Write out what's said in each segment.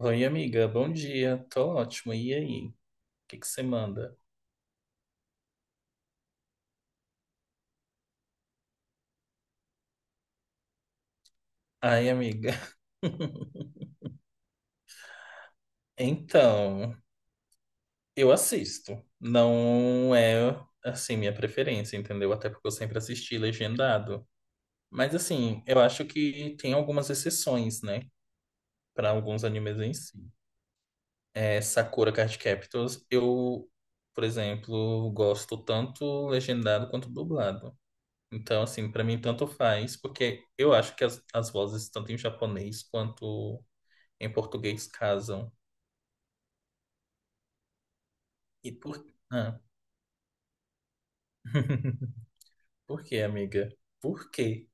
Oi, amiga, bom dia. Tô ótimo. E aí? O que que você manda? Ai, amiga. Então, eu assisto. Não é, assim, minha preferência, entendeu? Até porque eu sempre assisti legendado. Mas, assim, eu acho que tem algumas exceções, né? Para alguns animes em si. É, Sakura Card Captors, eu, por exemplo, gosto tanto legendado quanto dublado. Então, assim, pra mim tanto faz, porque eu acho que as vozes, tanto em japonês quanto em português, casam. E por... Ah. Por quê, amiga? Por quê?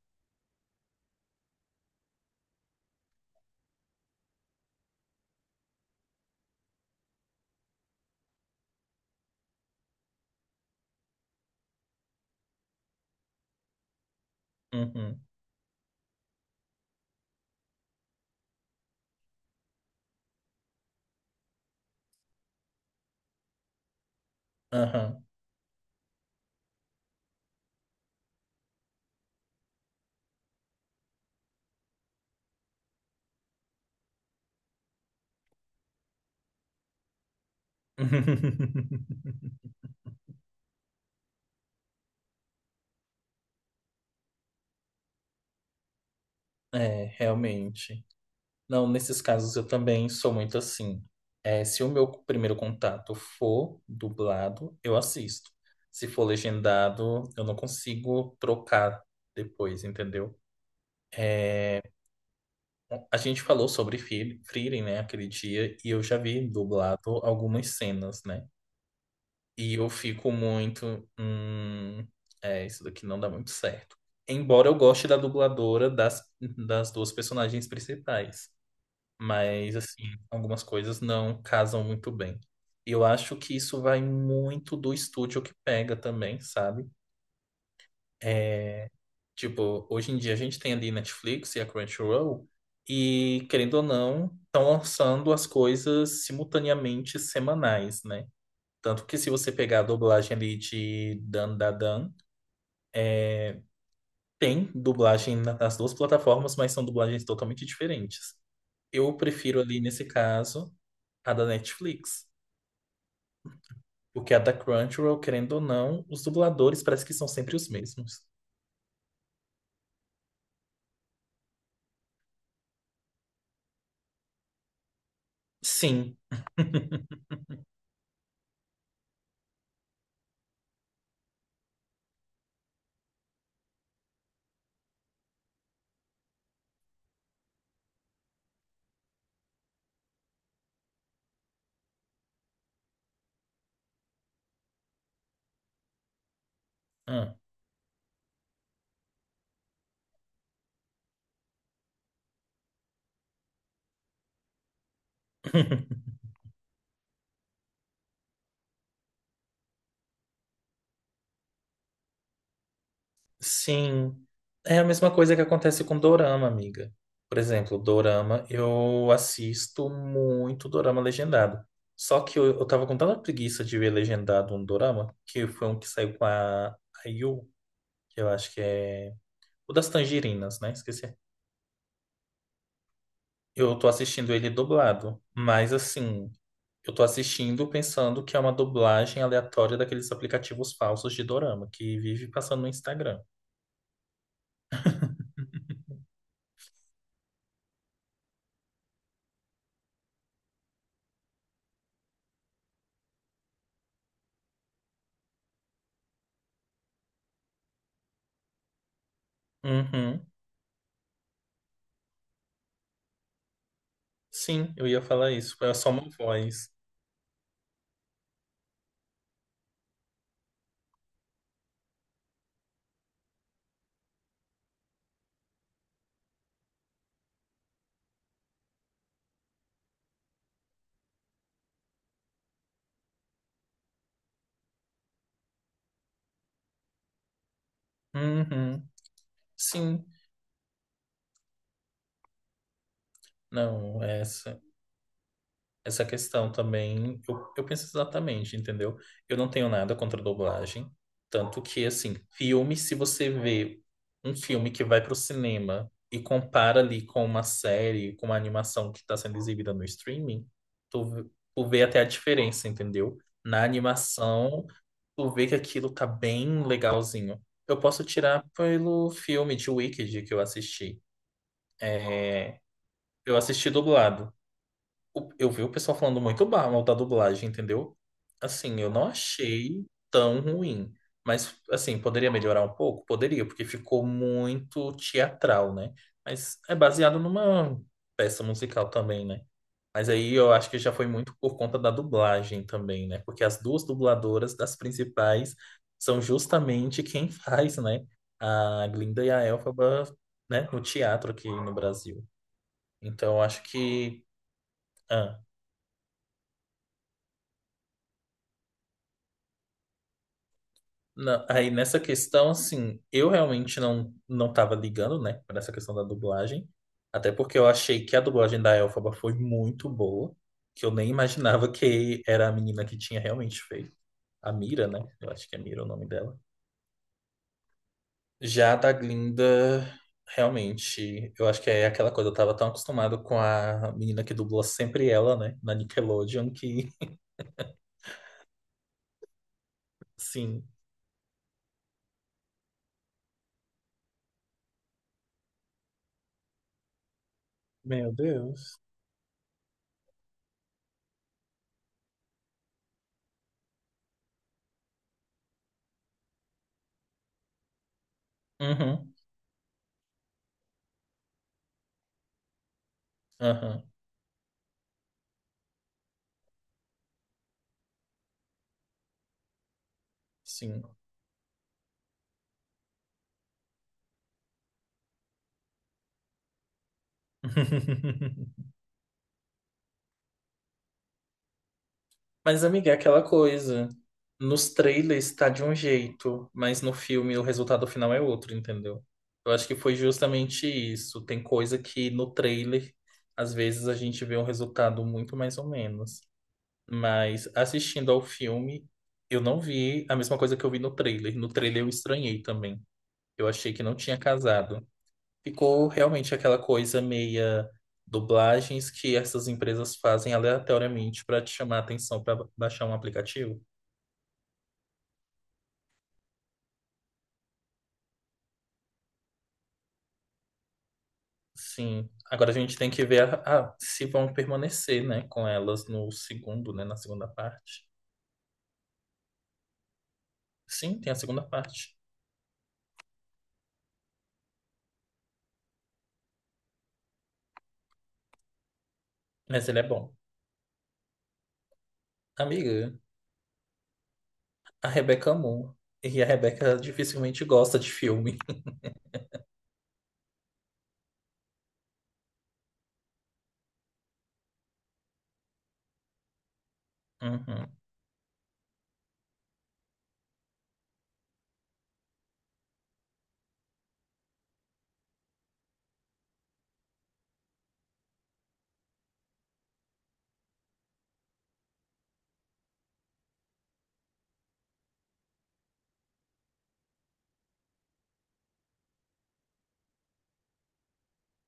Uhum. Aham. É, realmente. Não, nesses casos eu também sou muito assim. É, se o meu primeiro contato for dublado, eu assisto. Se for legendado, eu não consigo trocar depois, entendeu? É, a gente falou sobre Frieren, né, aquele dia, e eu já vi dublado algumas cenas, né? E eu fico muito, é, isso daqui não dá muito certo. Embora eu goste da dubladora das duas personagens principais, mas, assim, algumas coisas não casam muito bem. E eu acho que isso vai muito do estúdio que pega também, sabe? É, tipo, hoje em dia a gente tem ali Netflix e a Crunchyroll, e querendo ou não, estão lançando as coisas simultaneamente semanais, né? Tanto que se você pegar a dublagem ali de Dan Da Dan, tem dublagem nas duas plataformas, mas são dublagens totalmente diferentes. Eu prefiro ali, nesse caso, a da Netflix, porque a da Crunchyroll, querendo ou não, os dubladores parece que são sempre os mesmos. Sim. Ah. Sim, é a mesma coisa que acontece com dorama, amiga. Por exemplo, dorama, eu assisto muito dorama legendado. Só que eu tava com tanta preguiça de ver legendado um dorama, que foi um que saiu com a Yu, que eu acho que é o das tangerinas, né? Esqueci. Eu tô assistindo ele dublado, mas assim, eu tô assistindo pensando que é uma dublagem aleatória daqueles aplicativos falsos de dorama, que vive passando no Instagram. Uhum. Sim, eu ia falar isso. É só uma voz. Uhum. Sim. Não, essa questão também, eu penso exatamente, entendeu? Eu não tenho nada contra dublagem, tanto que assim, filme, se você vê um filme que vai pro cinema e compara ali com uma série, com uma animação que está sendo exibida no streaming, tu, tu vê até a diferença, entendeu? Na animação, tu vê que aquilo tá bem legalzinho. Eu posso tirar pelo filme de Wicked que eu assisti. É, eu assisti dublado o- eu vi o pessoal falando muito mal da dublagem, entendeu? Assim, eu não achei tão ruim. Mas, assim, poderia melhorar um pouco? Poderia, porque ficou muito teatral, né? Mas é baseado numa peça musical também, né? Mas aí eu acho que já foi muito por conta da dublagem também, né? Porque as duas dubladoras das principais são justamente quem faz, né? A Glinda e a Elphaba, né? No teatro aqui no Brasil. Então eu acho que. Na- aí nessa questão, assim, eu realmente não tava ligando, né, para essa questão da dublagem, até porque eu achei que a dublagem da Elphaba foi muito boa, que eu nem imaginava que era a menina que tinha realmente feito, a Mira, né? Eu acho que é Mira o nome dela. Já a da Glinda, realmente, eu acho que é aquela coisa, eu tava tão acostumado com a menina que dublou sempre ela, né, na Nickelodeon, que, sim. Meu Deus. Uhum, aham, sim. Mas, amiga, é aquela coisa. Nos trailers tá de um jeito, mas no filme o resultado final é outro, entendeu? Eu acho que foi justamente isso. Tem coisa que no trailer, às vezes, a gente vê um resultado muito mais ou menos. Mas assistindo ao filme, eu não vi a mesma coisa que eu vi no trailer. No trailer eu estranhei também. Eu achei que não tinha casado. Ficou realmente aquela coisa meia dublagens que essas empresas fazem aleatoriamente para te chamar a atenção para baixar um aplicativo. Sim. Agora a gente tem que ver se vão permanecer, né, com elas no segundo, né, na segunda parte. Sim, tem a segunda parte, mas ele é bom. Amiga, a Rebeca amou. E a Rebeca dificilmente gosta de filme. Uhum.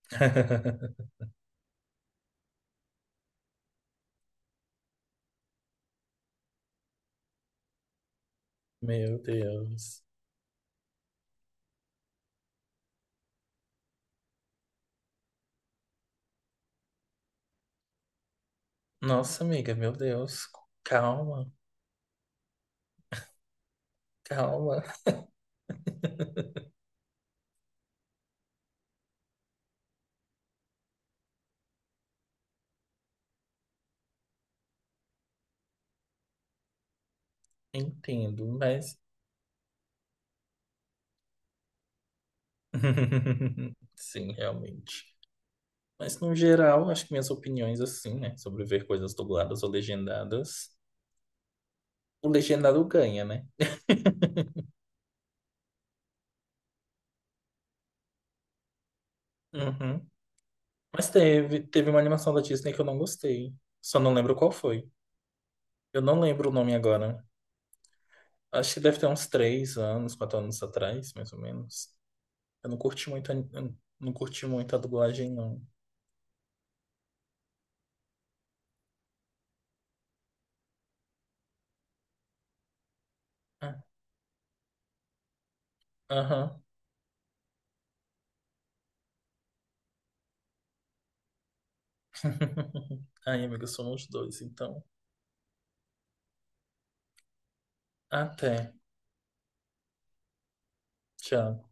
Meu Deus. Nossa, amiga, meu Deus. Calma, calma. Entendo, mas. Sim, realmente. Mas, no geral, acho que minhas opiniões, assim, né? Sobre ver coisas dubladas ou legendadas. O legendado ganha, né? Uhum. Mas teve uma animação da Disney que eu não gostei. Só não lembro qual foi. Eu não lembro o nome agora. Acho que deve ter uns 3 anos, 4 anos atrás, mais ou menos. Eu não curti muito a dublagem, não. Ah, aham. Ai, amiga, somos dois, então. Até. Tchau.